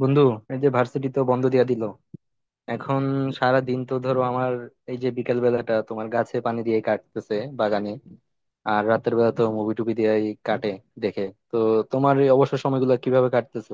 বন্ধু, এই যে ভার্সিটি তো বন্ধ দিয়া দিল এখন। সারা দিন তো ধরো আমার এই যে বিকেল বেলাটা তোমার গাছে পানি দিয়ে কাটতেছে বাগানে, আর রাতের বেলা তো মুভি টুভি দিয়ে কাটে, দেখে। তো তোমার এই অবসর সময়গুলো কিভাবে কাটতেছে?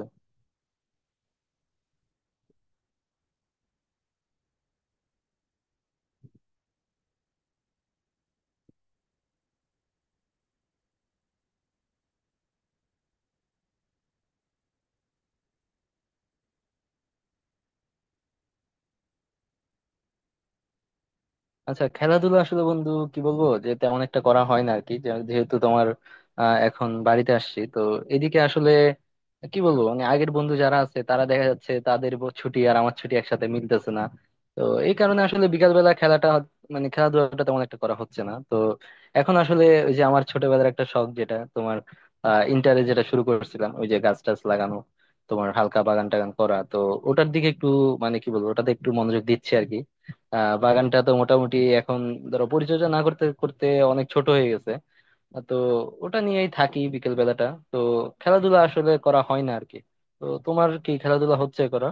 আচ্ছা, খেলাধুলা আসলে বন্ধু কি বলবো, যে তেমন একটা করা হয় না আর কি। যেহেতু তোমার এখন বাড়িতে আসছি তো এদিকে, আসলে কি বলবো, মানে আগের বন্ধু যারা আছে তারা দেখা যাচ্ছে তাদের ছুটি আর আমার ছুটি একসাথে মিলতেছে না। তো এই কারণে আসলে বিকাল বেলা খেলাটা মানে খেলাধুলাটা তেমন একটা করা হচ্ছে না তো। এখন আসলে ওই যে আমার ছোটবেলার একটা শখ, যেটা তোমার ইন্টারে যেটা শুরু করেছিলাম, ওই যে গাছ টাছ লাগানো, তোমার হালকা বাগান টাগান করা তো, ওটার দিকে একটু মানে কি বলবো, ওটাতে একটু মনোযোগ দিচ্ছে আর কি। বাগানটা তো মোটামুটি এখন ধরো পরিচর্যা না করতে করতে অনেক ছোট হয়ে গেছে। তো ওটা নিয়েই থাকি বিকেল বেলাটা। তো খেলাধুলা আসলে করা হয় না আর কি। তো তোমার কি খেলাধুলা হচ্ছে করা?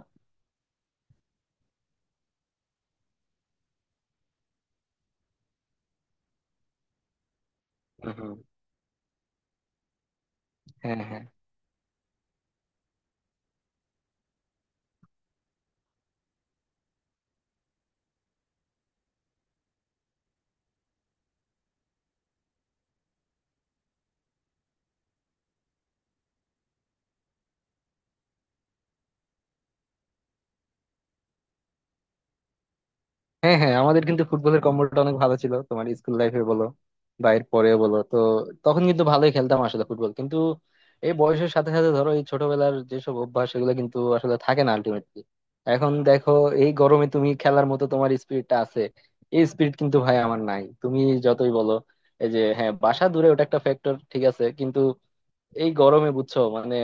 হুম, হুম। হ্যাঁ, হ্যাঁ। হ্যাঁ, হ্যাঁ, আমাদের কিন্তু ফুটবলের কম্বোটা অনেক ভালো ছিল তোমার স্কুল লাইফে বলো বা এর পরেও বলো। তো তখন কিন্তু ভালোই খেলতাম আসলে ফুটবল, কিন্তু এই বয়সের সাথে সাথে ধরো এই ছোটবেলার যেসব অভ্যাস সেগুলো কিন্তু আসলে থাকে না আলটিমেটলি। এখন দেখো, এই গরমে তুমি খেলার মতো তোমার স্পিরিটটা আছে। এই স্পিরিট কিন্তু ভাই আমার নাই, তুমি যতই বলো। এই যে হ্যাঁ, বাসা দূরে ওটা একটা ফ্যাক্টর ঠিক আছে, কিন্তু এই গরমে বুঝছো, মানে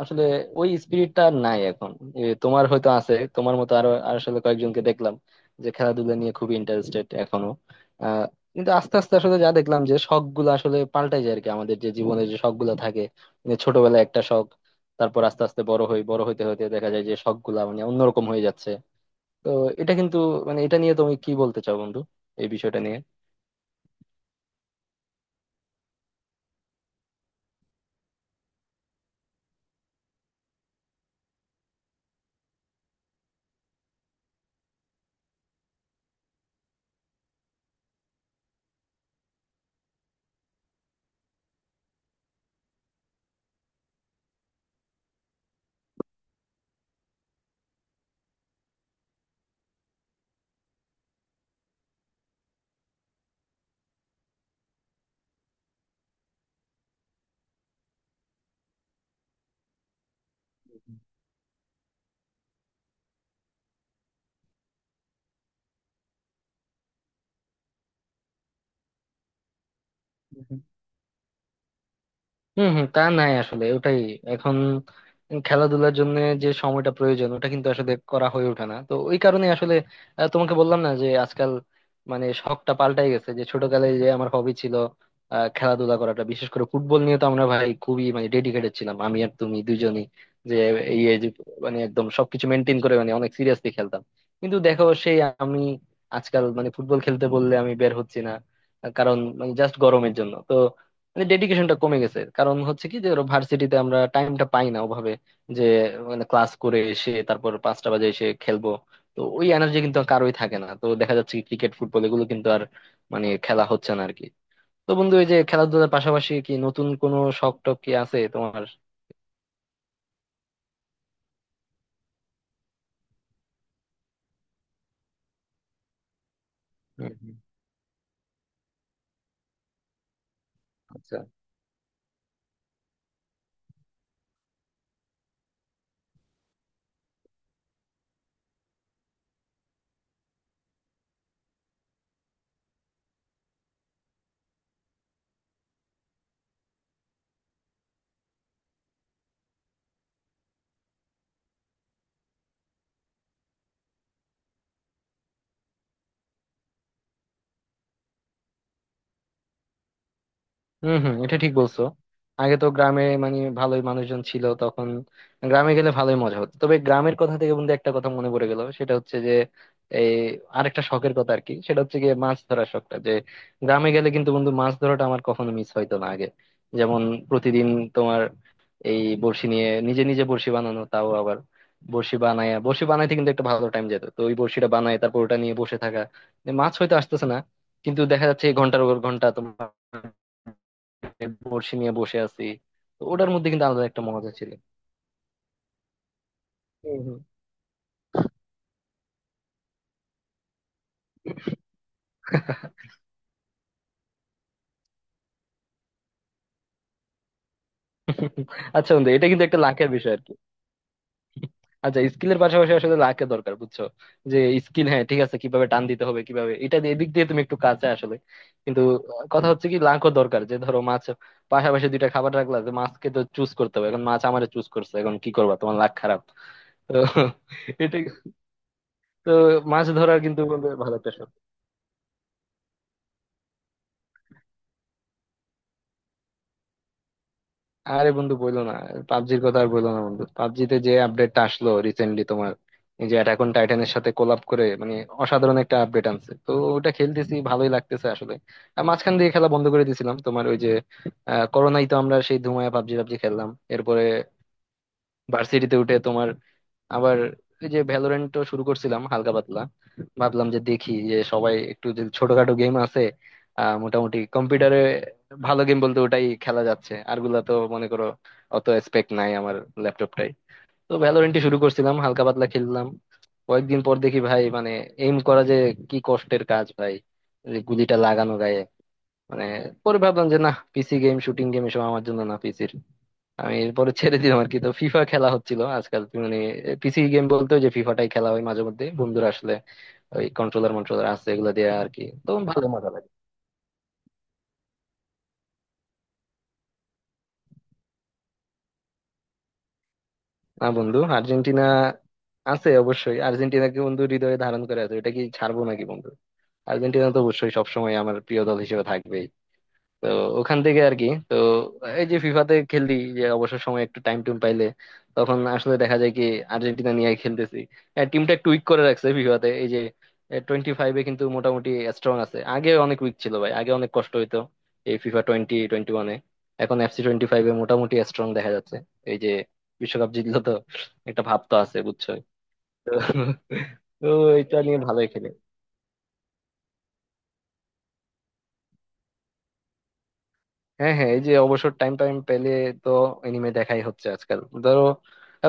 আসলে ওই স্পিরিটটা আর নাই এখন। তোমার হয়তো আছে, তোমার মতো আরো আর আসলে কয়েকজনকে দেখলাম যে খেলাধুলা নিয়ে খুবই ইন্টারেস্টেড এখনো। আহ কিন্তু আস্তে আস্তে আসলে যা দেখলাম, যে শখ গুলো আসলে পাল্টাই যায় আর কি। আমাদের যে জীবনের যে শখ গুলো থাকে, মানে ছোটবেলায় একটা শখ, তারপর আস্তে আস্তে বড় হই, বড় হইতে হইতে দেখা যায় যে শখ গুলা মানে অন্যরকম হয়ে যাচ্ছে। তো এটা কিন্তু, মানে এটা নিয়ে তুমি কি বলতে চাও বন্ধু, এই বিষয়টা নিয়ে? হম, হম। তা নাই আসলে, ওটাই এখন। খেলাধুলার জন্য যে সময়টা প্রয়োজন ওটা কিন্তু আসলে করা হয়ে ওঠে না তো। ওই কারণে আসলে তোমাকে বললাম না যে আজকাল মানে শখটা পাল্টাই গেছে, যে ছোটকালে যে আমার হবি ছিল খেলাধুলা করাটা, বিশেষ করে ফুটবল নিয়ে তো আমরা ভাই খুবই মানে ডেডিকেটেড ছিলাম, আমি আর তুমি দুজনই। যে এই এই যে, মানে একদম সবকিছু মেনটেন করে মানে অনেক সিরিয়াসলি খেলতাম। কিন্তু দেখো সেই আমি আজকাল মানে ফুটবল খেলতে বললে আমি বের হচ্ছি না, কারণ মানে জাস্ট গরমের জন্য তো। মানে ডেডিকেশনটা কমে গেছে, কারণ হচ্ছে কি যে ওরা ভার্সিটিতে আমরা টাইমটা পাই না ওভাবে, যে মানে ক্লাস করে এসে তারপর 5টা বাজে এসে খেলবো। তো ওই এনার্জি কিন্তু আর কারোই থাকে না। তো দেখা যাচ্ছে কি ক্রিকেট ফুটবল এগুলো কিন্তু আর মানে খেলা হচ্ছে না আর কি। তো বন্ধু, এই যে খেলাধুলার পাশাপাশি কি নতুন কোনো শখ টখ কি আছে তোমার? হম, হম। আচ্ছা। হম, হম, এটা ঠিক বলছো। আগে তো গ্রামে মানে ভালোই মানুষজন ছিল তখন, গ্রামে গেলে ভালোই মজা হতো। তবে গ্রামের কথা থেকে বন্ধু একটা কথা মনে পড়ে গেল, সেটা হচ্ছে যে এই আরেকটা শখের কথা আর কি। সেটা হচ্ছে গিয়ে মাছ ধরার শখটা, যে গ্রামে গেলে কিন্তু বন্ধু মাছ ধরাটা আমার কখনো মিস হইতো না আগে। যেমন প্রতিদিন তোমার এই বড়শি নিয়ে নিজে নিজে বড়শি বানানো, তাও আবার বড়শি বানায়। বড়শি বানাইতে কিন্তু একটা ভালো টাইম যেত তো। ওই বড়শিটা বানায় তারপর ওটা নিয়ে বসে থাকা, যে মাছ হয়তো আসতেছে না, কিন্তু দেখা যাচ্ছে ঘন্টার পর ঘন্টা তোমার বড়শি নিয়ে বসে আছি। তো ওটার মধ্যে কিন্তু আলাদা একটা মজা ছিল। হুম, হুম। আচ্ছা বন্ধু, এটা কিন্তু একটা লাখের বিষয় আর কি। আচ্ছা, স্কিলের পাশাপাশি আসলে লাখের দরকার, বুঝছো? যে স্কিল হ্যাঁ ঠিক আছে, কিভাবে টান দিতে হবে, কিভাবে এটা দিয়ে এদিক দিয়ে তুমি একটু কাছে আসলে, কিন্তু কথা হচ্ছে কি লাখও দরকার। যে ধরো মাছ পাশাপাশি দুইটা খাবার রাখলা, যে মাছকে তো চুজ করতে হবে। এখন মাছ আমারে চুজ করছে, এখন কি করবা? তোমার লাখ খারাপ। তো এটা তো মাছ ধরার কিন্তু বলতে ভালো একটা শখ। আরে বন্ধু বইলো না! পাবজির কথা আর বইলো না বন্ধু। পাবজিতে যে আপডেটটা আসলো রিসেন্টলি তোমার, এই যে অ্যাটাক অন টাইটানের সাথে কোলাব করে, মানে অসাধারণ একটা আপডেট আনছে তো। ওটা খেলতেছি, ভালোই লাগতেছে আসলে। আর মাঝখান দিয়ে খেলা বন্ধ করে দিয়েছিলাম তোমার, ওই যে করোনায় তো আমরা সেই ধুমায় পাবজি পাবজি খেললাম। এরপরে ভার্সিটিতে উঠে তোমার আবার ওই যে ভ্যালোরেন্টও শুরু করছিলাম হালকা পাতলা। ভাবলাম যে দেখি, যে সবাই একটু, যে ছোটখাটো গেম আছে মোটামুটি কম্পিউটারে ভালো গেম বলতে ওটাই খেলা যাচ্ছে, আরগুলা তো মনে করো অত স্পেক নাই আমার ল্যাপটপটাই। তো ভ্যালোরেন্টই শুরু করছিলাম, হালকা পাতলা খেললাম। কয়েকদিন পর দেখি ভাই, মানে এইম করা যে কি কষ্টের কাজ ভাই! যে গুলিটা লাগানো গায়ে মানে, পরে ভাবলাম যে না, পিসি গেম শুটিং গেম এসব আমার জন্য না, পিসির। আমি এরপরে ছেড়ে দিলাম আর কি। তো ফিফা খেলা হচ্ছিল আজকাল তুমি মানে, পিসি গেম বলতে ওই যে ফিফাটাই খেলা হয় মাঝে মধ্যে বন্ধুরা আসলে। ওই কন্ট্রোলার মন্ট্রোলার আছে এগুলো দিয়ে আর কি, তখন ভালো মজা লাগে। না বন্ধু, আর্জেন্টিনা আছে অবশ্যই। আর্জেন্টিনাকে বন্ধু হৃদয়ে ধারণ করে আছে, ওটা কি ছাড়বো নাকি বন্ধু? আর্জেন্টিনা তো অবশ্যই সবসময় আমার প্রিয় দল হিসেবে থাকবে। তো ওখান থেকে আর কি। তো এই যে ফিফাতে খেললি, যে অবসর সময় একটু টাইম টুম পাইলে, তখন আসলে দেখা যায় কি আর্জেন্টিনা নিয়ে খেলতেছি। টিমটা একটু উইক করে রাখছে ফিফাতে, এই যে 25-এ কিন্তু মোটামুটি স্ট্রং আছে। আগে অনেক উইক ছিল ভাই, আগে অনেক কষ্ট হইতো এই ফিফা 2021-এ। এখন এফসি 25-এ মোটামুটি স্ট্রং দেখা যাচ্ছে। এই যে বিশ্বকাপ জিতলো তো একটা ভাব তো আছে, বুঝছো। তো তো এটা নিয়ে ভালোই খেলে। হ্যাঁ, হ্যাঁ। এই যে অবসর টাইম টাইম পেলে তো এনিমে দেখাই হচ্ছে আজকাল। ধরো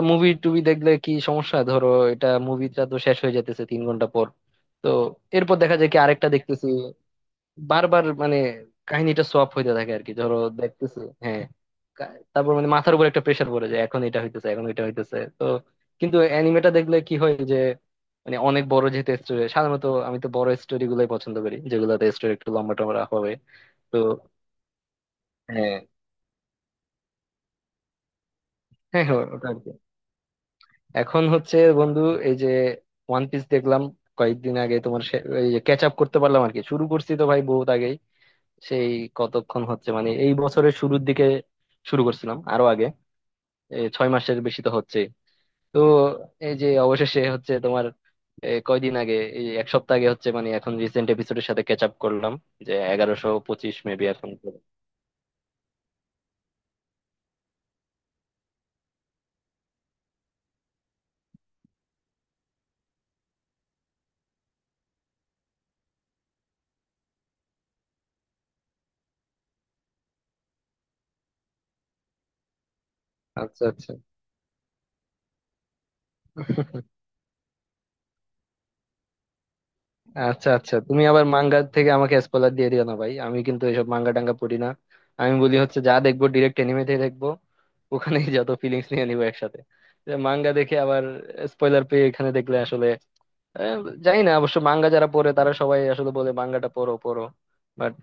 মুভি টুবি দেখলে কি সমস্যা, ধরো এটা মুভিটা তো শেষ হয়ে যেতেছে 3 ঘন্টা পর। তো এরপর দেখা যায় কি আরেকটা দেখতেছি। বারবার মানে কাহিনীটা সোয়াপ হইতে থাকে আর কি, ধরো দেখতেছি। হ্যাঁ। কা- তারপর মানে মাথার উপর একটা প্রেশার পড়ে যায়, এখন এটা হইতেছে এখন এটা হইতেছে তো। কিন্তু অ্যানিমেটা দেখলে কি হয় যে মানে অনেক বড় যেহেতু স্টোরি, সাধারণত আমি তো বড় স্টোরি গুলোই পছন্দ করি, যেগুলোতে স্টোরি একটু লম্বা টম্বা হবে তো। হ্যাঁ, হ্যাঁ। হ্যাঁ, ওটা এখন হচ্ছে বন্ধু, এই যে ওয়ান পিস দেখলাম কয়েকদিন আগে তোমার এই যে ক্যাচ আপ করতে পারলাম আর কি। শুরু করছি তো ভাই বহুত আগেই, সেই কতক্ষণ হচ্ছে মানে এই বছরের শুরুর দিকে শুরু করছিলাম, আরো আগে, এই 6 মাসের বেশি তো হচ্ছে। তো এই যে অবশেষে হচ্ছে তোমার কয়দিন আগে, এই 1 সপ্তাহ আগে হচ্ছে মানে, এখন রিসেন্ট এপিসোডের সাথে ক্যাচ আপ করলাম, যে 1125 মেবি এখন। আচ্ছা, আচ্ছা। আচ্ছা, আচ্ছা, তুমি আবার মাঙ্গা থেকে আমাকে স্পয়লার দিয়ে দিও না ভাই, আমি কিন্তু এইসব মাঙ্গা টাঙ্গা পড়ি না। আমি বলি হচ্ছে যা দেখবো ডিরেক্ট এনিমে থেকে দেখবো, ওখানেই যত ফিলিংস নিয়ে নিবো একসাথে। মাঙ্গা দেখে আবার স্পয়লার পেয়ে এখানে দেখলে আসলে আহ, জানি না অবশ্য, মাঙ্গা যারা পড়ে তারা সবাই আসলে বলে মাঙ্গাটা পড়ো পড়ো। বাট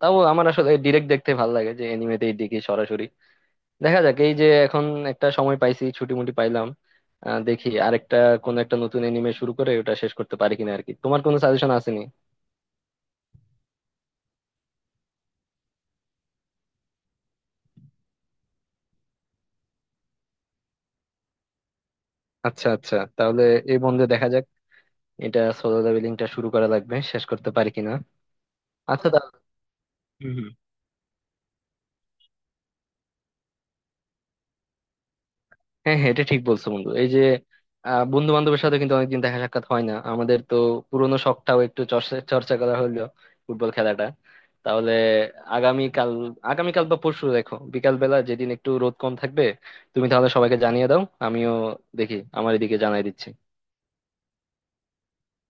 তাও আমার আসলে ডিরেক্ট দেখতে ভালো লাগে, যে এনিমেতেই দেখি সরাসরি। দেখা যাক এই যে এখন একটা সময় পাইছি, ছুটি মুটি পাইলাম, দেখি আরেকটা কোন একটা নতুন এনিমে শুরু করে ওটা শেষ করতে পারি কিনা আর কি। তোমার কোনো সাজেশন আসেনি? আচ্ছা, আচ্ছা, তাহলে এই বন্ধে দেখা যাক, এটা সোলো লেভেলিংটা শুরু করা লাগবে, শেষ করতে পারি কিনা। আচ্ছা তাহলে। হুম, হুম। হ্যাঁ, হ্যাঁ, এটা ঠিক বলছো বন্ধু। এই যে বন্ধু বান্ধবের সাথে কিন্তু অনেকদিন দেখা সাক্ষাৎ হয় না আমাদের তো, পুরোনো শখটাও একটু চর্চা চর্চা করা হলো, ফুটবল খেলাটা। তাহলে আগামীকাল আগামীকাল বা পরশু দেখো, বিকাল বেলা যেদিন একটু রোদ কম থাকবে। তুমি তাহলে সবাইকে জানিয়ে দাও, আমিও দেখি আমার এদিকে জানাই দিচ্ছি।